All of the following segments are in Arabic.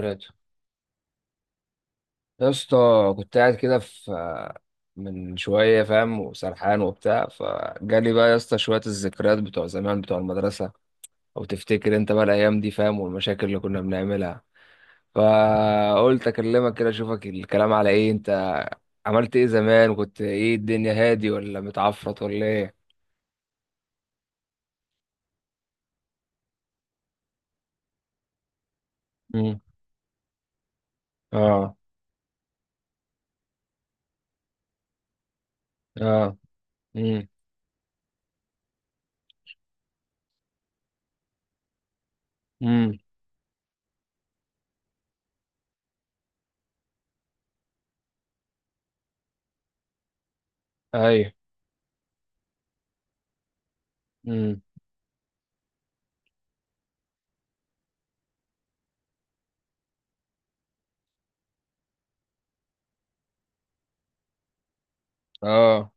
ذكرياته، يا اسطى. كنت قاعد كده في من شوية فاهم وسرحان وبتاع، فجالي بقى يا اسطى شوية الذكريات بتوع زمان بتوع المدرسة. أو تفتكر أنت بقى الأيام دي فاهم، والمشاكل اللي كنا بنعملها؟ فقلت أكلمك كده أشوفك الكلام على إيه. أنت عملت إيه زمان، وكنت إيه، الدنيا هادي ولا متعفرت ولا إيه؟ امم. اه. اه. امم. امم. ايوه. امم. اه.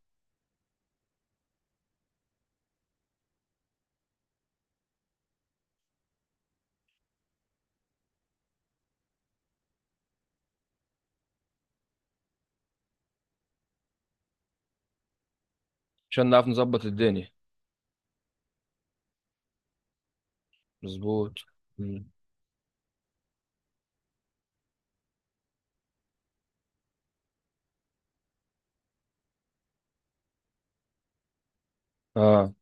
عشان نعرف نظبط الدنيا. مظبوط. امم. اه.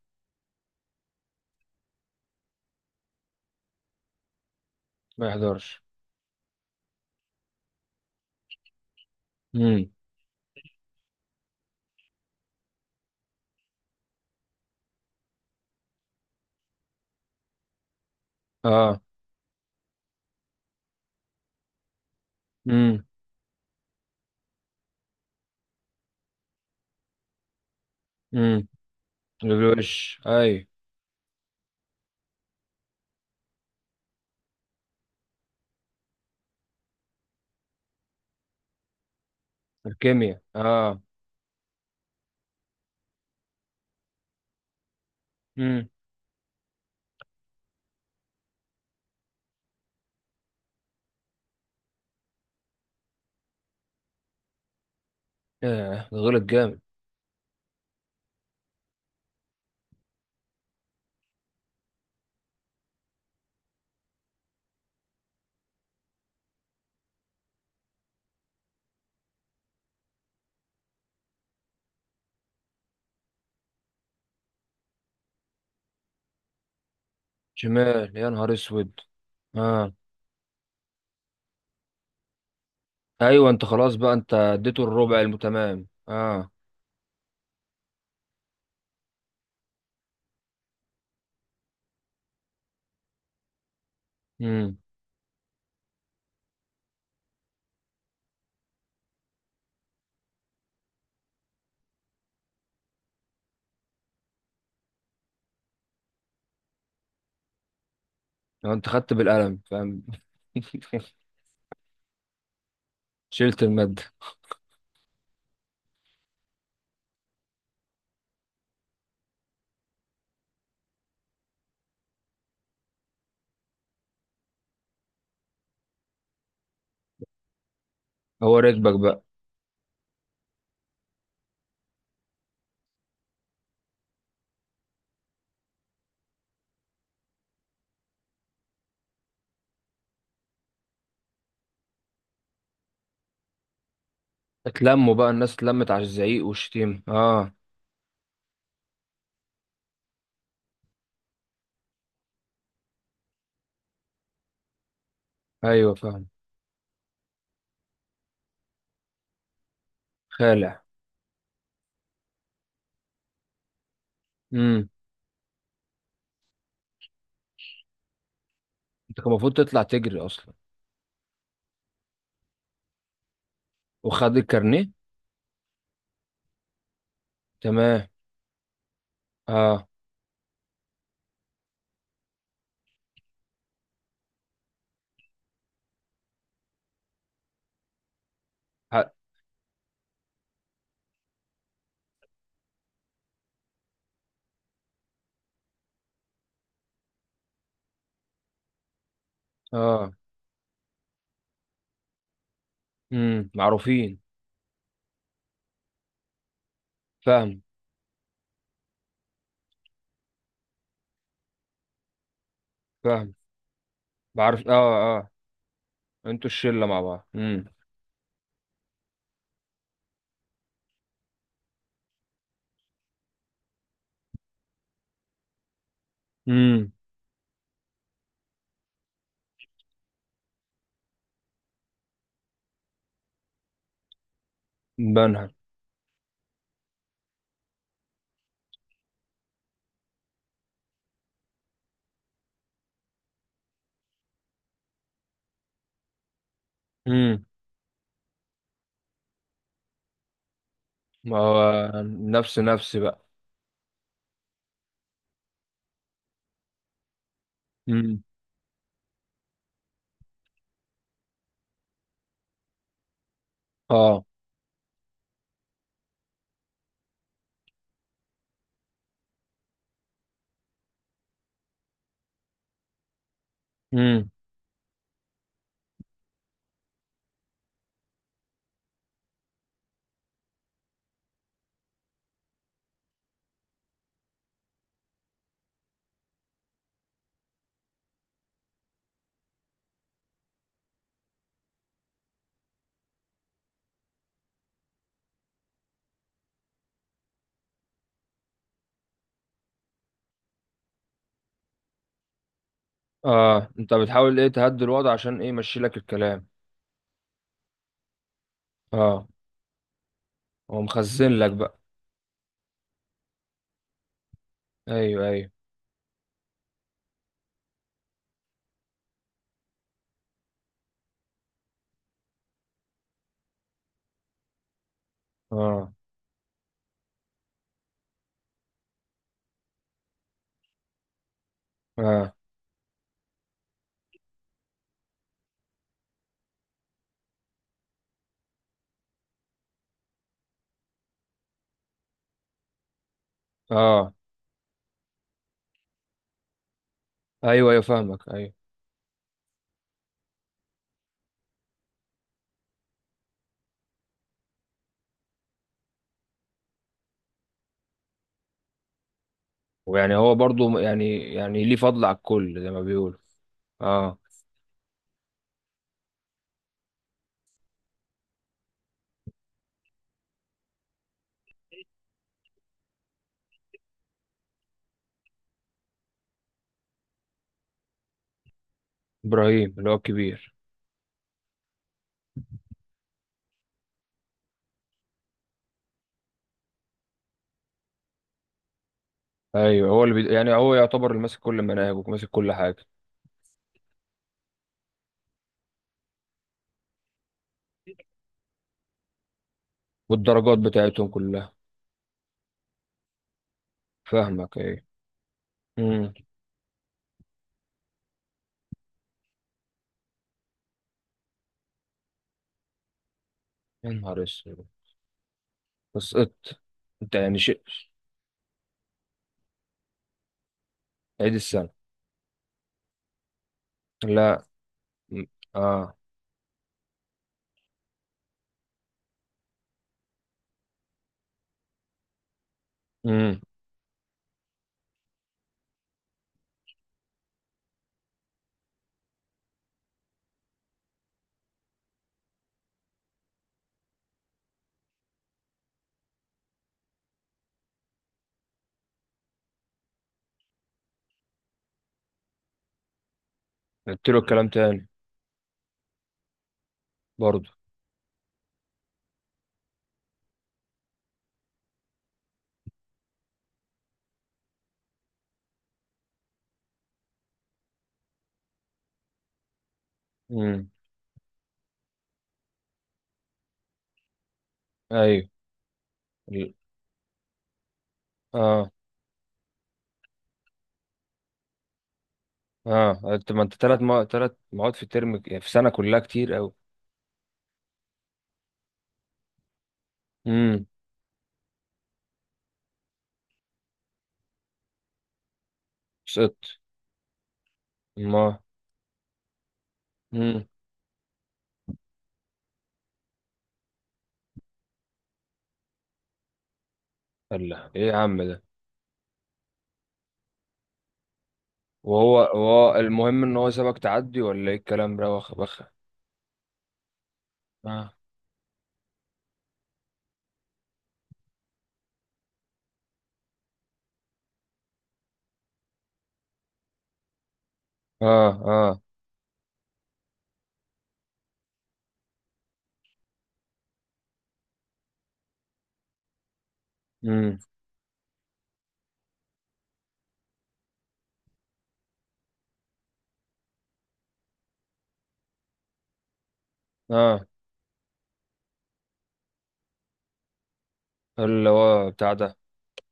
ما يحضرش. امم. اه. امم. امم. الوش اي. الكيمياء اه. امم. آه. غلط جامد. شمال، يا نهار اسود. اه. ايوه، انت خلاص بقى، انت اديته الربع المتمام. اه. امم. لو انت خدت بالقلم، فاهم. شلت المادة. هو ركبك بقى. اتلموا بقى الناس، اتلمت على الزعيق والشتيمة اه. ايوه، فاهم. خالع. امم. انت كان المفروض تطلع تجري اصلا. وخد الكارنيه. تمام. اه. حق. اه. امم. معروفين. فاهم. فاهم. بعرف، اه اه. انتوا الشله مع بعض. امم. امم. بنها. امم. ما هو نفس نفسي بقى. امم. اه. امم. اه. انت بتحاول ايه، تهدي الوضع عشان ايه يمشي لك الكلام. اه. هو مخزن لك بقى. ايوه ايوه. اه. اه. اه. ايوه ايوه، فاهمك ايوه. ويعني هو برضو يعني ليه فضل على الكل زي ما بيقولوا. اه. ابراهيم، اللي هو الكبير. ايوه، هو يعني هو يعتبر اللي ماسك كل المناهج وماسك كل حاجه. والدرجات بتاعتهم كلها. فاهمك ايه. امم. يا نهار اسود. بس قط. انت يعني شيء. عيد السنه. لا. م- اه. امم. قلت له الكلام تاني. برضه. امم. ايوه. ال- اه. اه انت، ما انت ثلاث، ما ثلاث مواد في الترم، يعني في سنه كلها كتير قوي. امم. سقط. ما. امم. الله، ايه يا عم ده. وهو المهم ان هو سابك تعدي ولا ايه الكلام ده، واخ بخ. اه اه. امم. اه. اللي هو بتاع ده.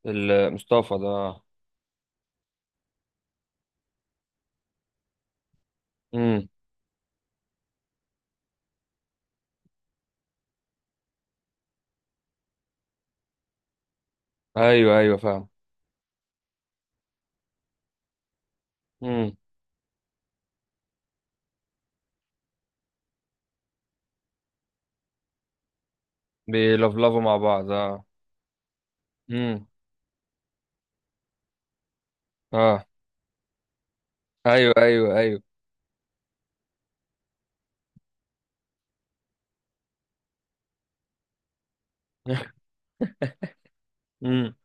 المصطفى ده اه. امم. ايوه ايوه، فاهم. امم. بيلفلفوا مع بعض اه. امم. اه. ايوه ايوه ايوه. امم.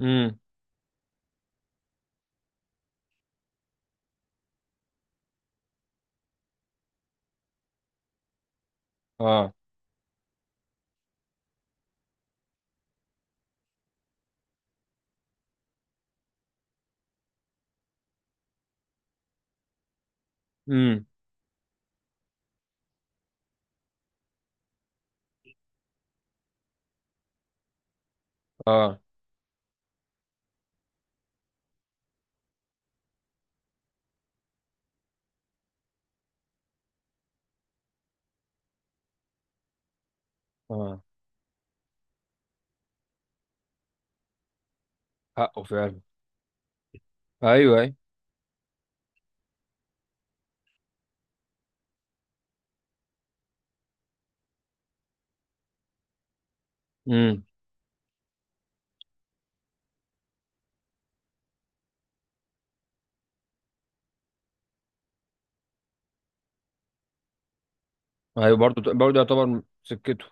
امم. اه. امم. اه. اه. حقه فعلا. ايوه ايوه. امم. ايوه، برضه برضه يعتبر سكته.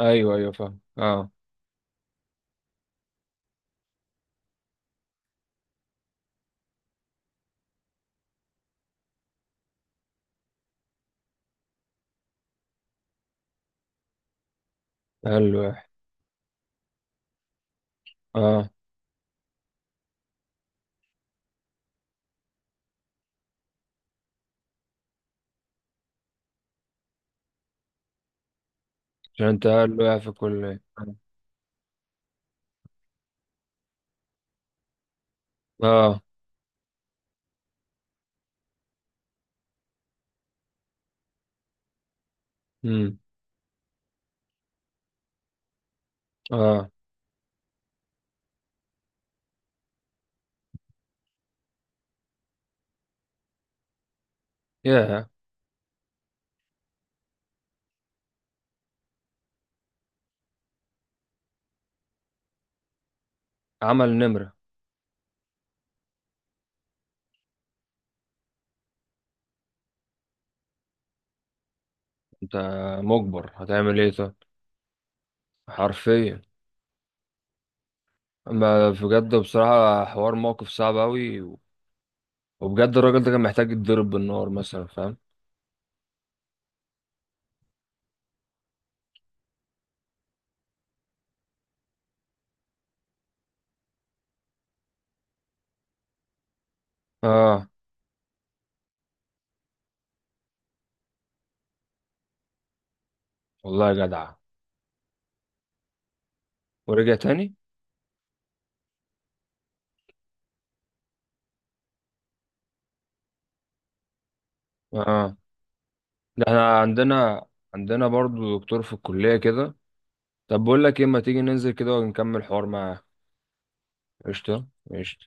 ايوه ايوه، فاهم اه. قال له إيه. اه. عشان انت قال له إيه في الكليه. اه. امم. اه. ياه. عمل نمره. انت. مجبر هتعمل ايه طيب. حرفيا. اما بجد بصراحة، حوار موقف صعب اوي و- وبجد الراجل ده كان محتاج يتضرب بالنار مثلا، فاهم. اه. والله يا جدع. ورجع تاني. اه. ده احنا عندنا. عندنا برضو دكتور في الكلية كده. طب بقول لك ايه، ما تيجي ننزل كده ونكمل حوار معاه. قشطة. قشطة.